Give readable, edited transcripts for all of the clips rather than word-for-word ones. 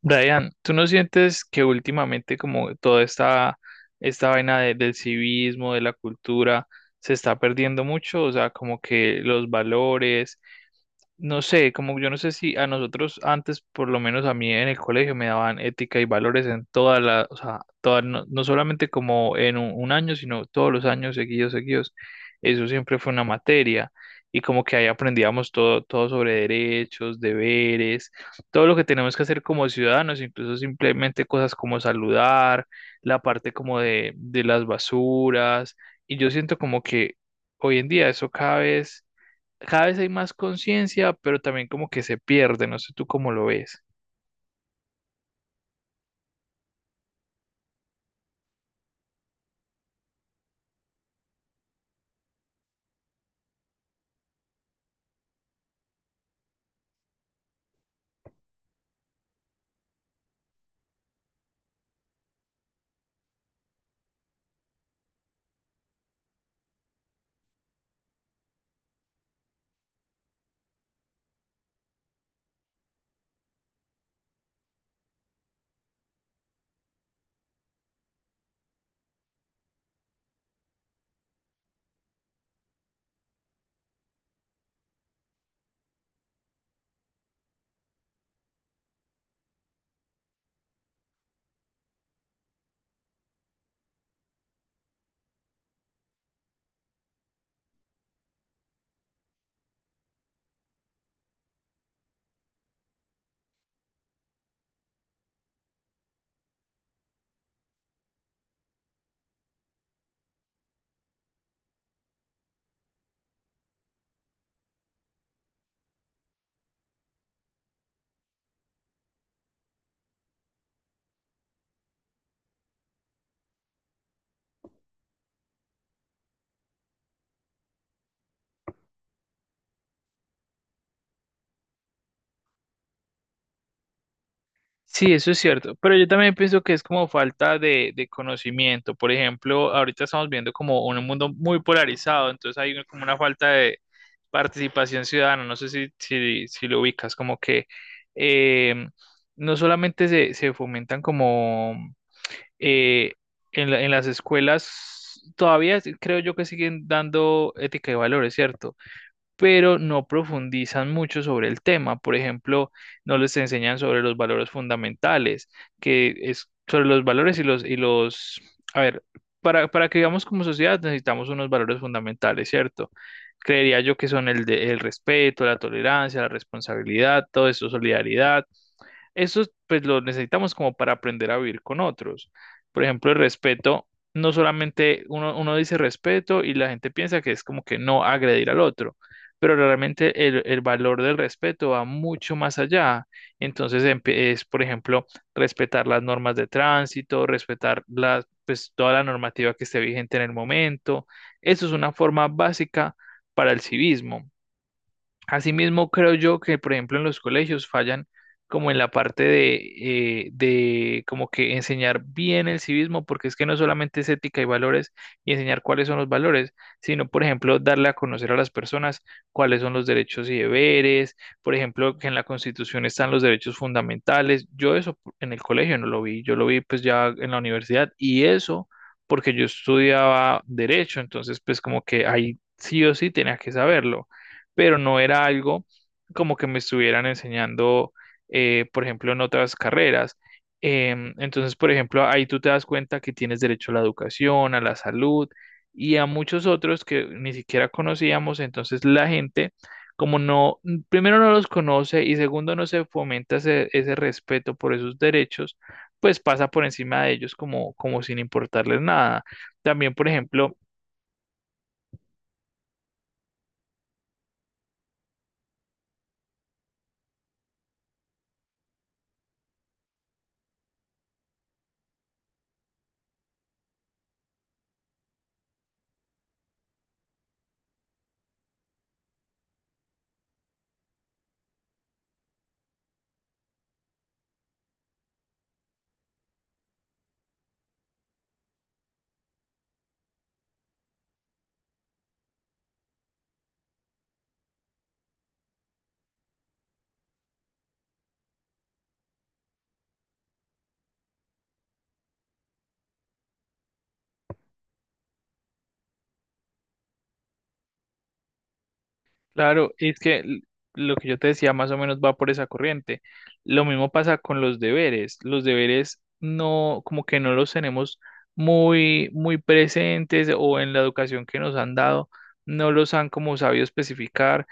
Brian, ¿tú no sientes que últimamente como toda esta vaina de- del civismo, de la cultura, se está perdiendo mucho? O sea, como que los valores, no sé, como yo no sé si a nosotros antes, por lo menos a mí en el colegio, me daban ética y valores en toda la, o sea, toda, no, no solamente como en un año, sino todos los años seguidos, seguidos. Eso siempre fue una materia y como que ahí aprendíamos todo, todo sobre derechos, deberes, todo lo que tenemos que hacer como ciudadanos, incluso simplemente cosas como saludar, la parte como de las basuras. Y yo siento como que hoy en día eso cada vez hay más conciencia, pero también como que se pierde, no sé tú cómo lo ves. Sí, eso es cierto, pero yo también pienso que es como falta de conocimiento. Por ejemplo, ahorita estamos viendo como un mundo muy polarizado, entonces hay como una falta de participación ciudadana, no sé si lo ubicas, como que eh, no solamente se fomentan como eh, en la- en las escuelas, todavía creo yo que siguen dando ética y valores, ¿cierto? Pero no profundizan mucho sobre el tema. Por ejemplo, no les enseñan sobre los valores fundamentales, que es sobre los valores y los, a ver, para que vivamos como sociedad necesitamos unos valores fundamentales, ¿cierto? Creería yo que son el de el respeto, la tolerancia, la responsabilidad, todo eso, solidaridad, eso pues lo necesitamos como para aprender a vivir con otros. Por ejemplo, el respeto, no solamente uno dice respeto y la gente piensa que es como que no agredir al otro, pero realmente el valor del respeto va mucho más allá. Entonces es, por ejemplo, respetar las normas de tránsito, respetar las, pues, toda la normativa que esté vigente en el momento. Eso es una forma básica para el civismo. Asimismo, creo yo que, por ejemplo, en los colegios fallan como en la parte de como que enseñar bien el civismo, porque es que no solamente es ética y valores y enseñar cuáles son los valores, sino, por ejemplo, darle a conocer a las personas cuáles son los derechos y deberes, por ejemplo, que en la Constitución están los derechos fundamentales. Yo eso en el colegio no lo vi, yo lo vi pues ya en la universidad y eso porque yo estudiaba derecho, entonces pues como que ahí sí o sí tenía que saberlo, pero no era algo como que me estuvieran enseñando, por ejemplo, en otras carreras. Entonces, por ejemplo, ahí tú te das cuenta que tienes derecho a la educación, a la salud y a muchos otros que ni siquiera conocíamos. Entonces, la gente, como no, primero no los conoce y segundo no se fomenta ese respeto por esos derechos, pues pasa por encima de ellos como, como sin importarles nada. También, por ejemplo, claro, y es que lo que yo te decía más o menos va por esa corriente. Lo mismo pasa con los deberes. Los deberes no, como que no los tenemos muy presentes o en la educación que nos han dado, no los han como sabido especificar,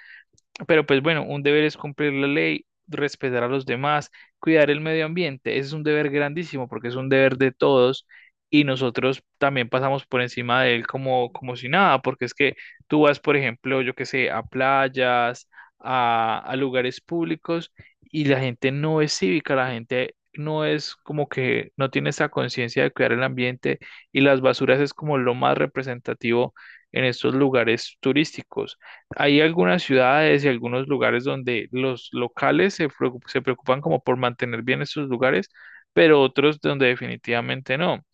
pero pues bueno, un deber es cumplir la ley, respetar a los demás, cuidar el medio ambiente. Ese es un deber grandísimo porque es un deber de todos y nosotros también pasamos por encima de él como, como si nada, porque es que tú vas, por ejemplo, yo qué sé, a playas, a lugares públicos y la gente no es cívica, la gente no es como que no tiene esa conciencia de cuidar el ambiente y las basuras es como lo más representativo en estos lugares turísticos. Hay algunas ciudades y algunos lugares donde los locales se preocupan como por mantener bien estos lugares, pero otros donde definitivamente no.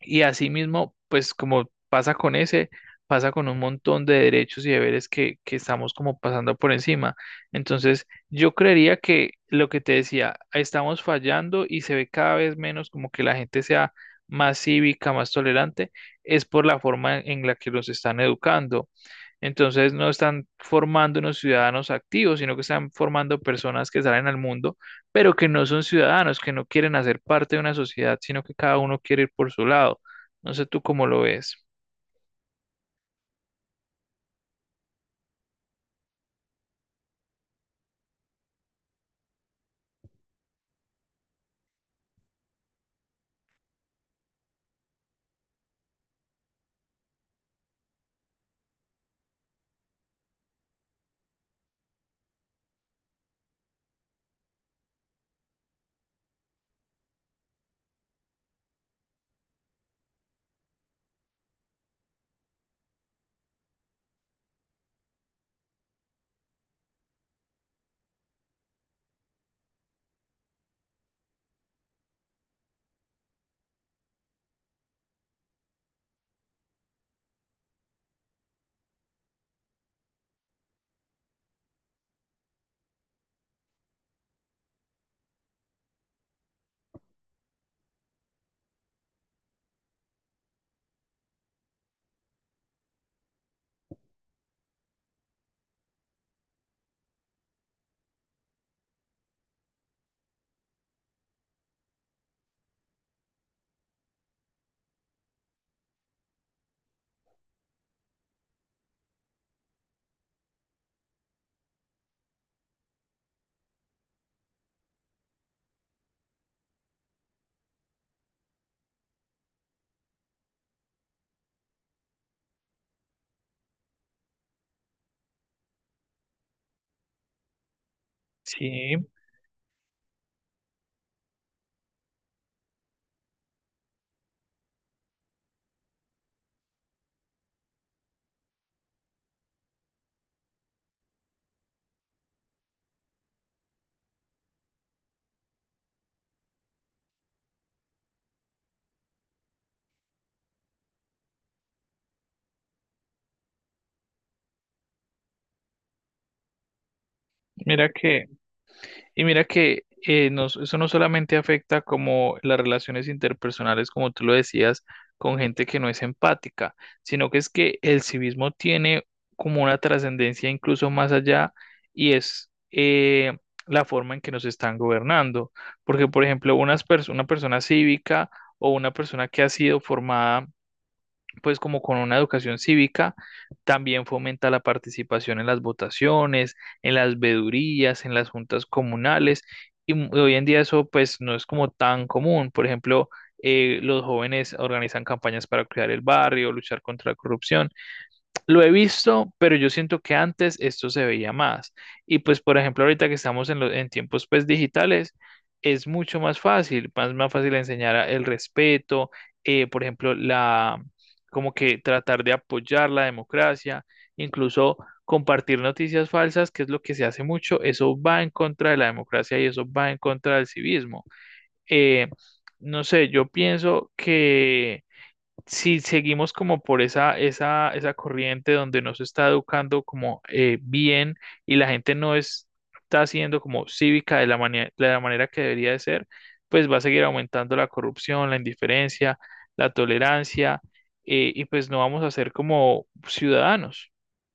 Y asimismo, pues como pasa con ese, pasa con un montón de derechos y deberes que estamos como pasando por encima. Entonces, yo creería que lo que te decía, estamos fallando y se ve cada vez menos como que la gente sea más cívica, más tolerante, es por la forma en la que los están educando, entonces no están formando unos ciudadanos activos, sino que están formando personas que salen al mundo, pero que no son ciudadanos, que no quieren hacer parte de una sociedad, sino que cada uno quiere ir por su lado. No sé tú cómo lo ves. Sí, mira que y mira que eso no solamente afecta como las relaciones interpersonales, como tú lo decías, con gente que no es empática, sino que es que el civismo tiene como una trascendencia incluso más allá y es la forma en que nos están gobernando. Porque, por ejemplo, una persona cívica o una persona que ha sido formada pues como con una educación cívica, también fomenta la participación en las votaciones, en las vedurías, en las juntas comunales, y hoy en día eso pues no es como tan común. Por ejemplo, los jóvenes organizan campañas para cuidar el barrio, luchar contra la corrupción. Lo he visto, pero yo siento que antes esto se veía más. Y pues, por ejemplo, ahorita que estamos en, en tiempos pues digitales, es mucho más fácil, más fácil enseñar el respeto, por ejemplo, la, como que tratar de apoyar la democracia, incluso compartir noticias falsas, que es lo que se hace mucho, eso va en contra de la democracia y eso va en contra del civismo. Eh, no sé, yo pienso que si seguimos como por esa corriente donde no se está educando como bien y la gente no es- está siendo como cívica de la de la manera que debería de ser, pues va a seguir aumentando la corrupción, la indiferencia, la tolerancia, y pues no vamos a ser como ciudadanos.